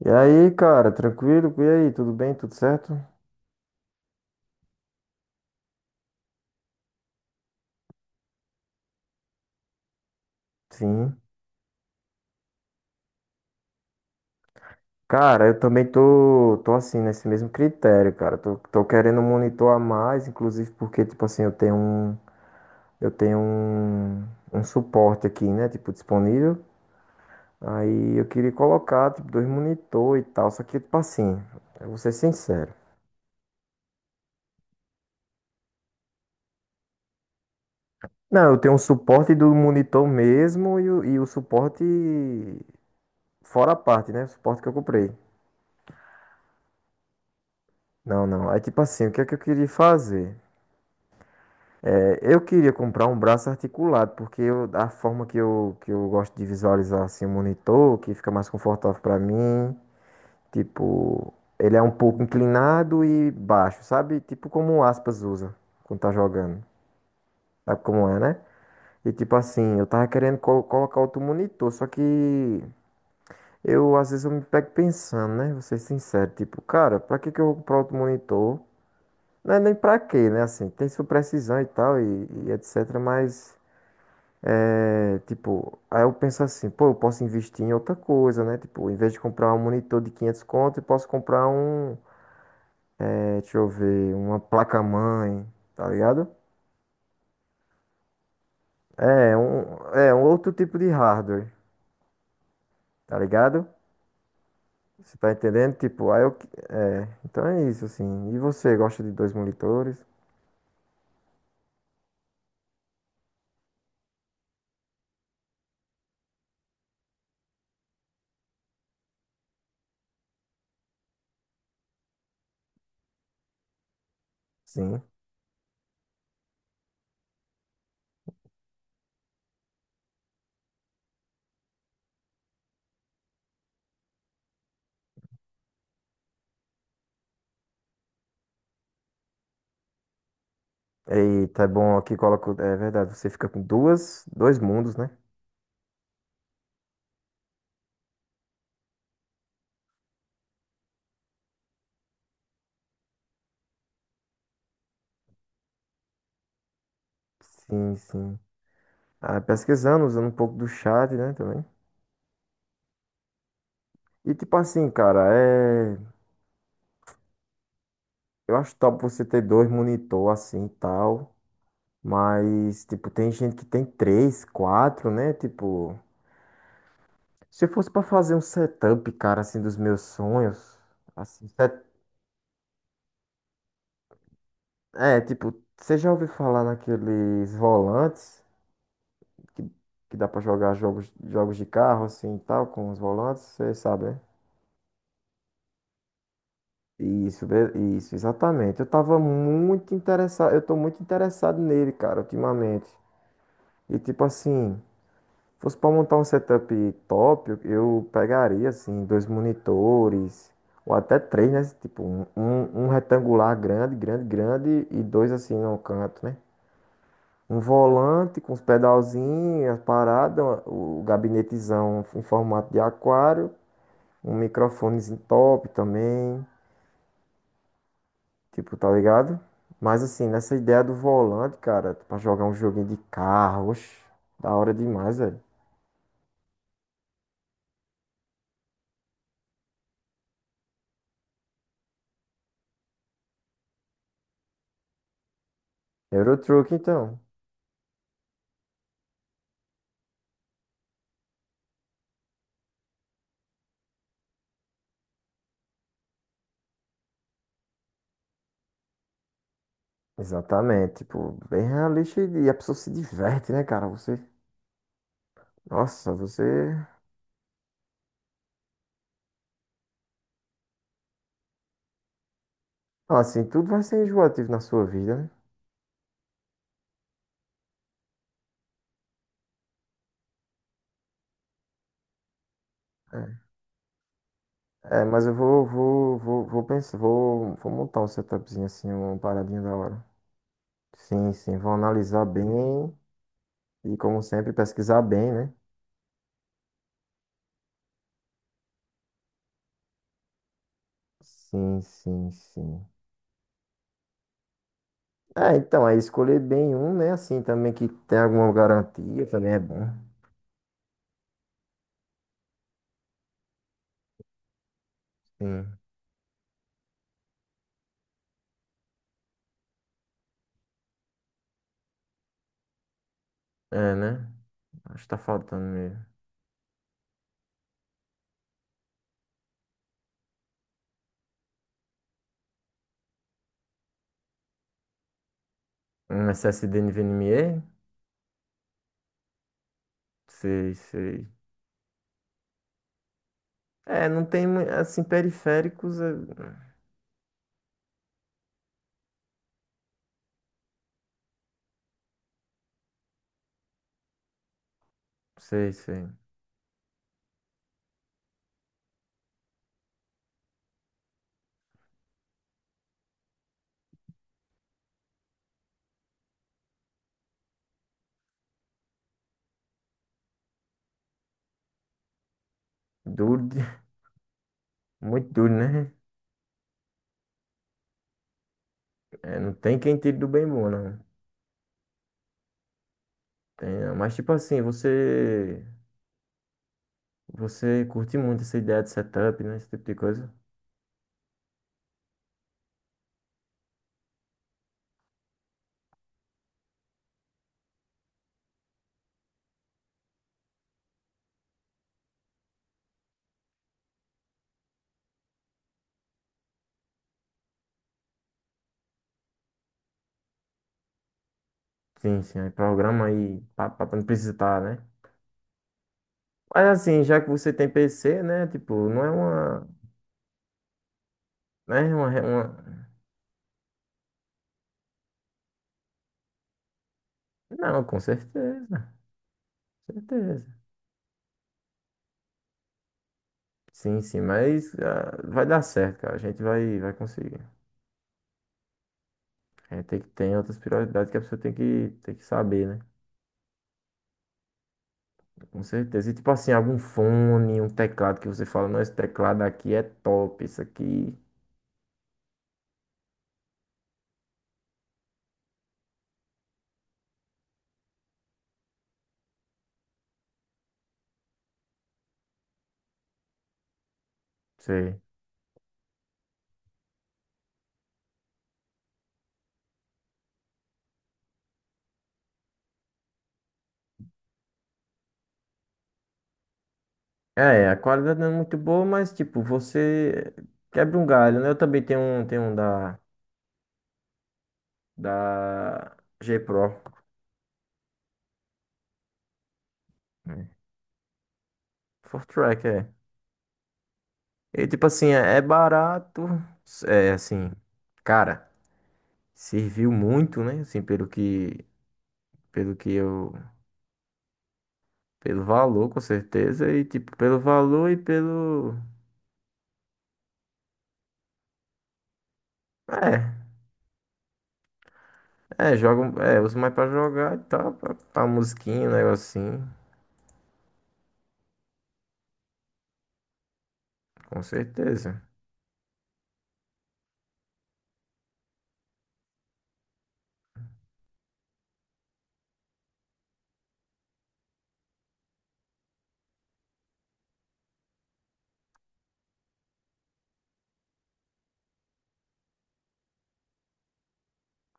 E aí, cara, tranquilo? E aí, tudo bem? Tudo certo? Sim. Cara, eu também tô assim, nesse mesmo critério, cara. Tô querendo monitorar mais, inclusive porque, tipo assim, eu tenho um, um suporte aqui, né? Tipo, disponível. Aí eu queria colocar, tipo, dois monitor e tal. Só que, tipo assim, eu vou ser sincero. Não, eu tenho um suporte do monitor mesmo e o suporte fora a parte, né? O suporte que eu comprei. Não, não. Aí, tipo assim, o que é que eu queria fazer? Eu queria comprar um braço articulado, a forma que eu gosto de visualizar assim, o monitor, que fica mais confortável pra mim, tipo, ele é um pouco inclinado e baixo, sabe? Tipo como o Aspas usa quando tá jogando. Sabe como é, né? E tipo assim, eu tava querendo colocar outro monitor, só que eu às vezes eu me pego pensando, né? Vou ser sincero, tipo, cara, pra que que eu vou comprar outro monitor? Não é nem pra quê, né? Assim, tem sua precisão e tal, e etc, mas. É, tipo, aí eu penso assim, pô, eu posso investir em outra coisa, né? Tipo, em vez de comprar um monitor de 500 conto, eu posso comprar um, deixa eu ver, uma placa-mãe, tá ligado? É, um, é um outro tipo de hardware, tá ligado? Você tá entendendo? Tipo, aí então é isso, assim. E você, gosta de dois monitores? Sim. Eita, é bom aqui coloco, é verdade, você fica com duas, dois mundos, né? Sim, sim. Ah, pesquisando, usando um pouco do chat, né, também. E tipo assim, cara, é. Eu acho top você ter dois monitor assim e tal. Mas, tipo, tem gente que tem três, quatro, né? Tipo, se eu fosse pra fazer um setup, cara, assim, dos meus sonhos. Assim, set- tipo, você já ouviu falar naqueles volantes que, que dá pra jogar jogos, jogos de carro, assim e tal, com os volantes? Você sabe, né? Isso, be- isso, exatamente. Eu tô muito interessado nele, cara, ultimamente. E tipo assim. Fosse para montar um setup top, eu pegaria assim dois monitores ou até três, né? Tipo um retangular grande, grande, grande e dois assim no canto, né? Um volante com os pedalzinhos, as paradas, o gabinetezão em formato de aquário, um microfonezinho top também, tipo, tá ligado? Mas assim, nessa ideia do volante, cara, pra jogar um joguinho de carro, oxe, da hora demais, velho. Euro Truck, então. Exatamente, tipo, bem realista e a pessoa se diverte, né, cara? Você, nossa, você, Ah, assim, tudo vai ser enjoativo na sua vida, né? É, É, mas eu vou pensar, vou montar um setupzinho assim, uma paradinha da hora. Sim, sim, vou analisar bem e, como sempre, pesquisar bem, né? Sim, sim, sim. É, então, aí escolher bem um, né, assim, também que tem alguma garantia, também é bom. Sim, é, né? Acho que tá faltando mesmo. Um SSD NVMe. Sei, sei. É, não tem, assim, periféricos, é, sei, sei. Duro. Muito duro, né? É, não tem quem tire do bem bom, não. Tem, não. Mas, tipo assim, você curte muito essa ideia de setup, né? Esse tipo de coisa. Sim, sim, aí programa aí, pá, pá, pra não precisar, né? Mas, assim, já que você tem PC, né? Tipo, não é uma, né? Uma... Não, com certeza, com certeza. Sim, sim, mas ah, vai dar certo, cara. A gente vai conseguir. É, tem que ter outras prioridades que a pessoa tem que saber, né? Com certeza. E tipo assim, algum fone, um teclado que você fala, não, esse teclado aqui é top, isso aqui. Sei. É, a qualidade não é muito boa, mas tipo, você quebra um galho, né? Eu também tenho um da G Pro. Né? Four track, é. E tipo assim, é barato, é assim, cara, serviu muito, né? Assim, pelo que eu Pelo valor, com certeza. E, tipo, pelo valor e pelo. É, é, jogam. É, uso mais pra jogar e tal. Pra musiquinha, um negocinho. Com certeza.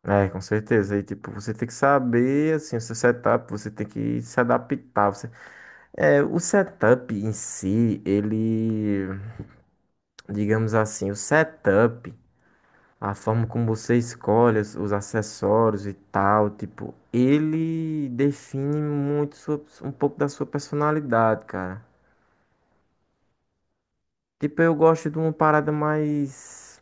É, com certeza. E, tipo, você tem que saber, assim, o seu setup. Você tem que se adaptar. Você... É, o setup em si, ele. Digamos assim, o setup. A forma como você escolhe os acessórios e tal, tipo, ele define muito um pouco da sua personalidade, cara. Tipo, eu gosto de uma parada mais.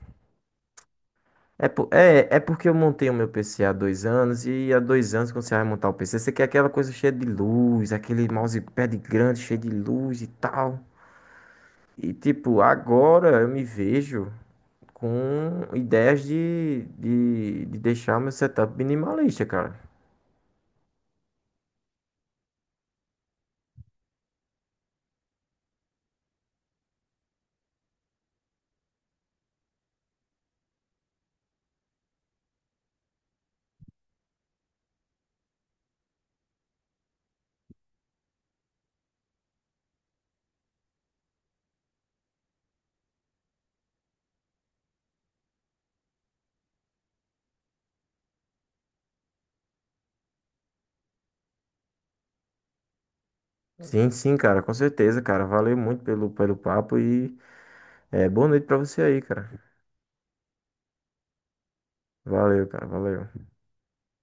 É porque eu montei o meu PC há 2 anos e há 2 anos, quando você vai montar o PC, você quer aquela coisa cheia de luz, aquele mousepad grande cheio de luz e tal. E, tipo, agora eu me vejo com ideias de deixar o meu setup minimalista, cara. Sim, sim, cara, com certeza, cara. Valeu muito pelo papo e boa noite pra você aí, cara. Valeu, cara, valeu.